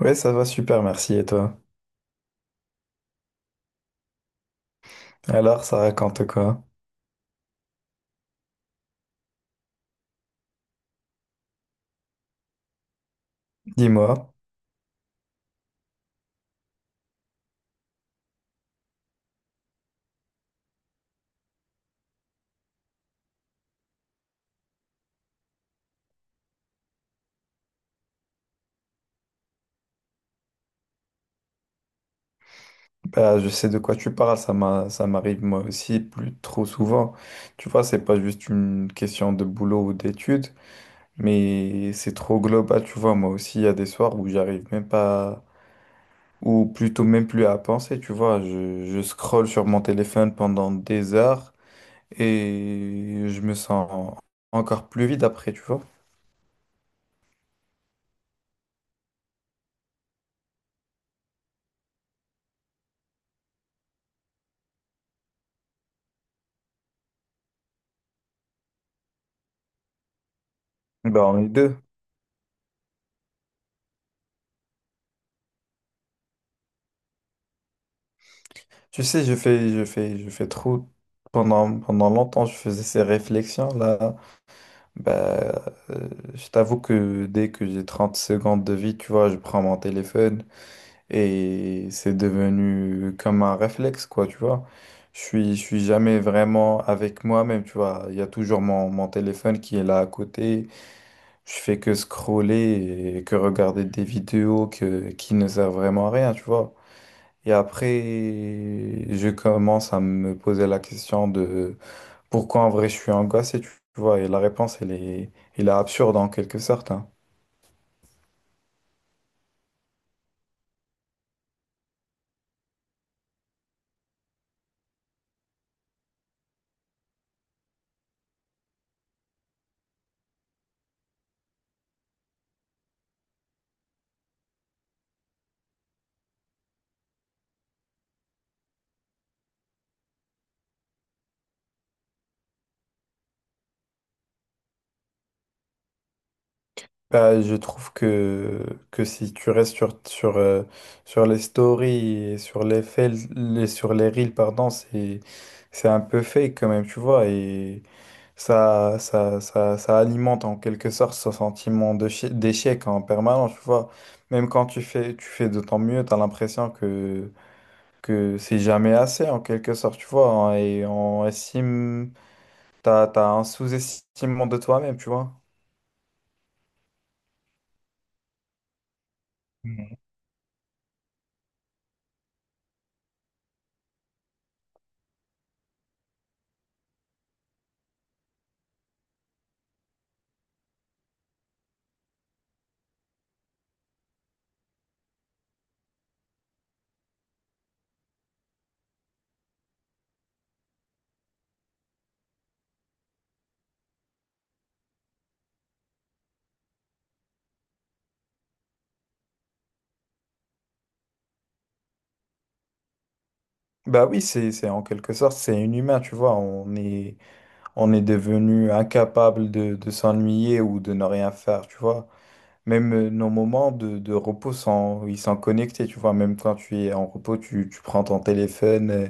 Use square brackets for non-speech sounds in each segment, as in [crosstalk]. Ouais, ça va super, merci. Et toi? Alors, ça raconte quoi? Dis-moi. Bah, je sais de quoi tu parles, ça m'arrive moi aussi plus trop souvent. Tu vois, c'est pas juste une question de boulot ou d'études, mais c'est trop global, tu vois. Moi aussi, il y a des soirs où j'arrive même pas, ou plutôt même plus à penser, tu vois. Je scrolle sur mon téléphone pendant des heures et je me sens encore plus vide après, tu vois. Bah, on est deux. Tu sais, je fais trop. Pendant longtemps, je faisais ces réflexions-là. Bah, euh, je t'avoue que dès que j'ai 30 secondes de vie, tu vois, je prends mon téléphone et c'est devenu comme un réflexe, quoi, tu vois. Je suis jamais vraiment avec moi-même, tu vois. Il y a toujours mon téléphone qui est là à côté. Je fais que scroller et que regarder des qui ne servent vraiment à rien, tu vois. Et après, je commence à me poser la question de pourquoi en vrai je suis angoissé, tu vois. Et la réponse, elle est absurde en quelque sorte, hein. Bah, je trouve que si tu restes sur les stories et sur les sur les reels, pardon, c'est un peu fake quand même, tu vois. Et ça alimente en quelque sorte ce sentiment de d'échec en permanence, tu vois. Même quand tu fais de ton mieux, tu as l'impression que c'est jamais assez en quelque sorte, tu vois, hein, et on estime, t'as un sous-estimement de toi-même, tu vois. Mhm. Bah oui, c'est en quelque sorte, c'est inhumain, tu vois, on est devenu incapable de s'ennuyer ou de ne rien faire, tu vois. Même nos moments de repos sont, ils sont connectés, tu vois, même quand tu es en repos, tu prends ton téléphone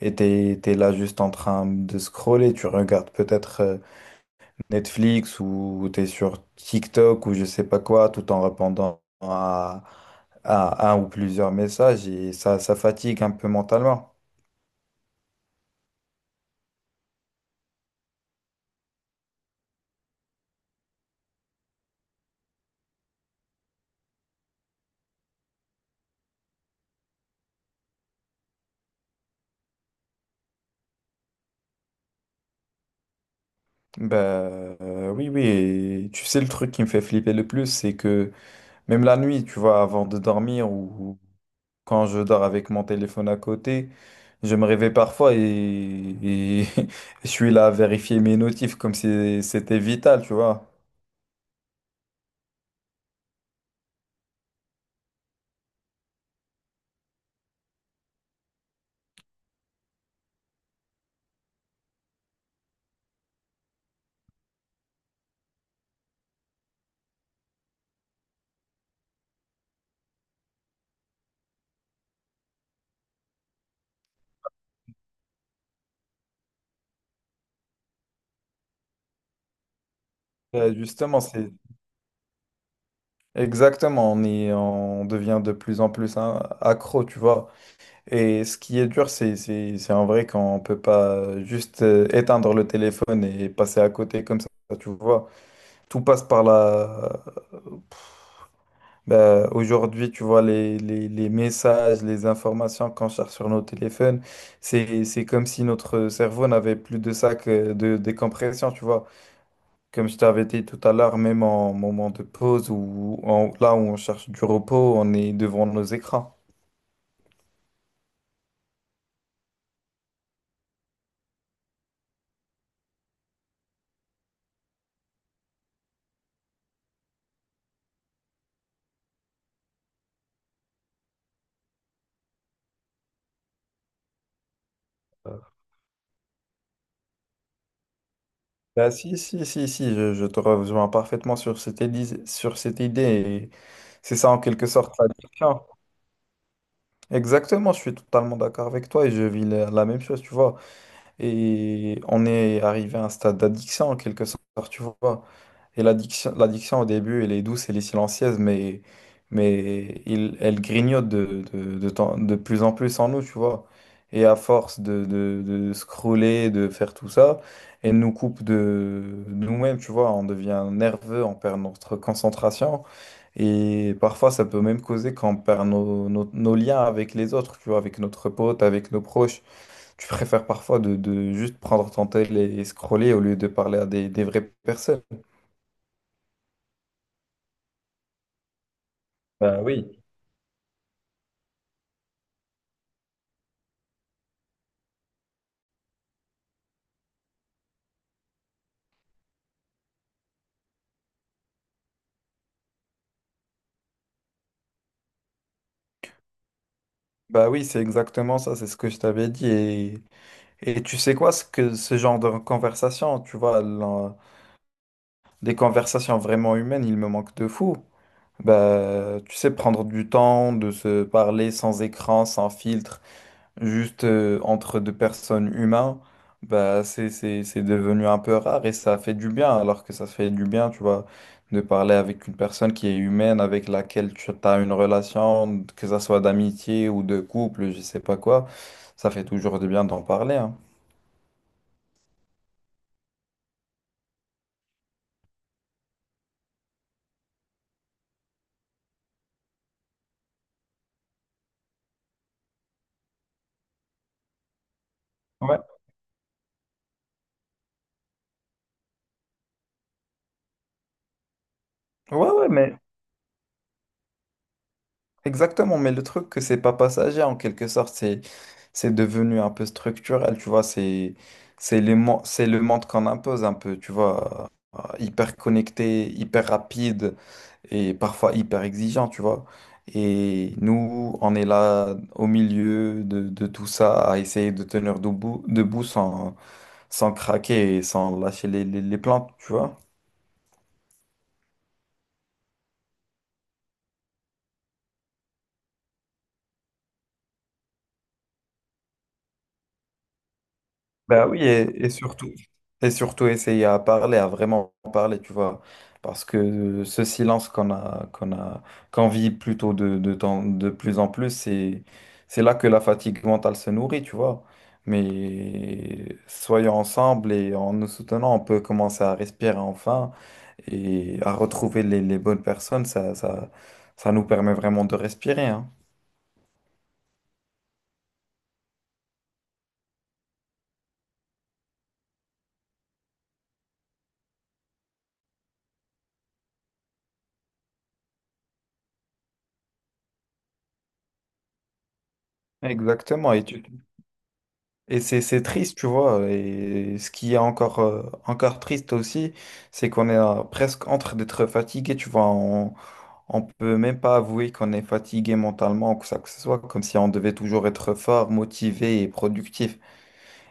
et t'es là juste en train de scroller, tu regardes peut-être Netflix ou tu es sur TikTok ou je sais pas quoi, tout en répondant à un ou plusieurs messages et ça fatigue un peu mentalement. Ben oui, oui, et tu sais, le truc qui me fait flipper le plus, c'est que même la nuit, tu vois, avant de dormir ou quand je dors avec mon téléphone à côté, je me réveille parfois et [laughs] je suis là à vérifier mes notifs comme si c'était vital, tu vois. Justement, c'est exactement, on est, on devient de plus en plus accro, tu vois. Et ce qui est dur, c'est en vrai qu'on peut pas juste éteindre le téléphone et passer à côté comme ça, tu vois. Tout passe par la... bah, aujourd'hui, tu vois, les messages, les informations qu'on cherche sur nos téléphones, c'est comme si notre cerveau n'avait plus de sac de décompression, tu vois. Comme je t'avais dit tout à l'heure, même en moment de pause ou là où on cherche du repos, on est devant nos écrans. Bah, si, je te rejoins parfaitement sur cette idée. Et c'est ça en quelque sorte l'addiction. Exactement, je suis totalement d'accord avec toi et je vis la même chose, tu vois. Et on est arrivé à un stade d'addiction en quelque sorte, tu vois. Et l'addiction au début, elle est douce, elle est silencieuse, mais elle grignote de plus en plus en nous, tu vois. Et à force de scroller, de faire tout ça, elle nous coupe de nous-mêmes, tu vois. On devient nerveux, on perd notre concentration. Et parfois, ça peut même causer qu'on perd nos liens avec les autres, tu vois, avec notre pote, avec nos proches. Tu préfères parfois de juste prendre ton tel et scroller au lieu de parler à des vraies personnes. Bah oui. Bah oui, c'est exactement ça, c'est ce que je t'avais dit. Et tu sais quoi, ce que ce genre de conversation, tu vois, des conversations vraiment humaines, il me manque de fou. Bah, tu sais, prendre du temps de se parler sans écran, sans filtre. Juste entre deux personnes humaines, bah, c'est devenu un peu rare et ça fait du bien, alors que ça fait du bien, tu vois, de parler avec une personne qui est humaine, avec laquelle tu as une relation, que ça soit d'amitié ou de couple, je sais pas quoi, ça fait toujours du bien d'en parler, hein. Ouais, ouais, mais exactement, mais le truc que c'est pas passager en quelque sorte, c'est devenu un peu structurel, tu vois, c'est le monde qu'on impose un peu, tu vois, hyper connecté, hyper rapide et parfois hyper exigeant, tu vois. Et nous, on est là au milieu de tout ça à essayer de tenir debout, debout sans, sans craquer et sans lâcher les plantes, tu vois. Bah oui, et surtout essayer à parler, à vraiment parler, tu vois. Parce que ce silence qu'on vit plutôt de plus en plus, c'est là que la fatigue mentale se nourrit, tu vois. Mais soyons ensemble et en nous soutenant, on peut commencer à respirer enfin et à retrouver les bonnes personnes. Ça nous permet vraiment de respirer, hein. Exactement. Et tu et c'est triste, tu vois. Et ce qui est encore triste aussi, c'est qu'on est presque entre d'être fatigué, tu vois. On peut même pas avouer qu'on est fatigué mentalement ou que ça que ce soit, comme si on devait toujours être fort, motivé et productif.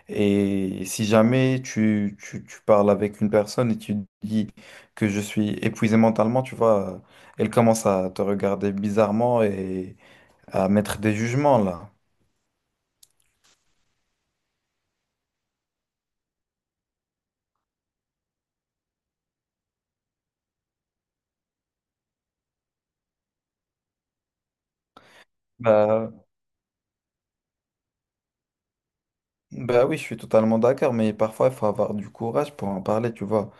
Et si jamais tu parles avec une personne et tu dis que je suis épuisé mentalement, tu vois, elle commence à te regarder bizarrement et à mettre des jugements là. Bah, bah oui, je suis totalement d'accord, mais parfois il faut avoir du courage pour en parler, tu vois.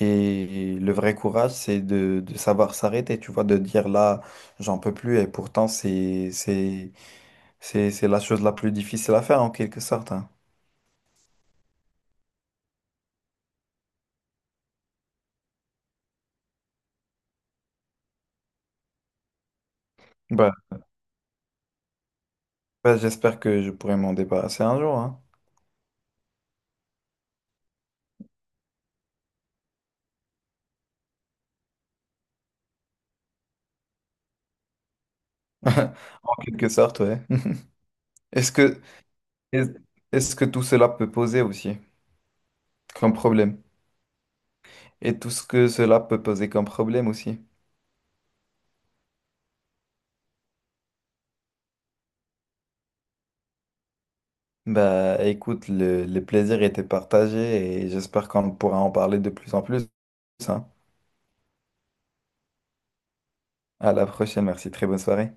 Et le vrai courage, de savoir s'arrêter, tu vois, de dire là, j'en peux plus, et pourtant c'est la chose la plus difficile à faire en quelque sorte, hein. Bah, Bah, j'espère que je pourrai m'en débarrasser un jour, hein. [laughs] En quelque sorte, ouais. [laughs] Est-ce que est- Est-ce que tout cela peut poser aussi comme problème? Et tout ce que cela peut poser comme problème aussi. Bah écoute, le plaisir était partagé et j'espère qu'on pourra en parler de plus en plus, hein. À la prochaine, merci, très bonne soirée.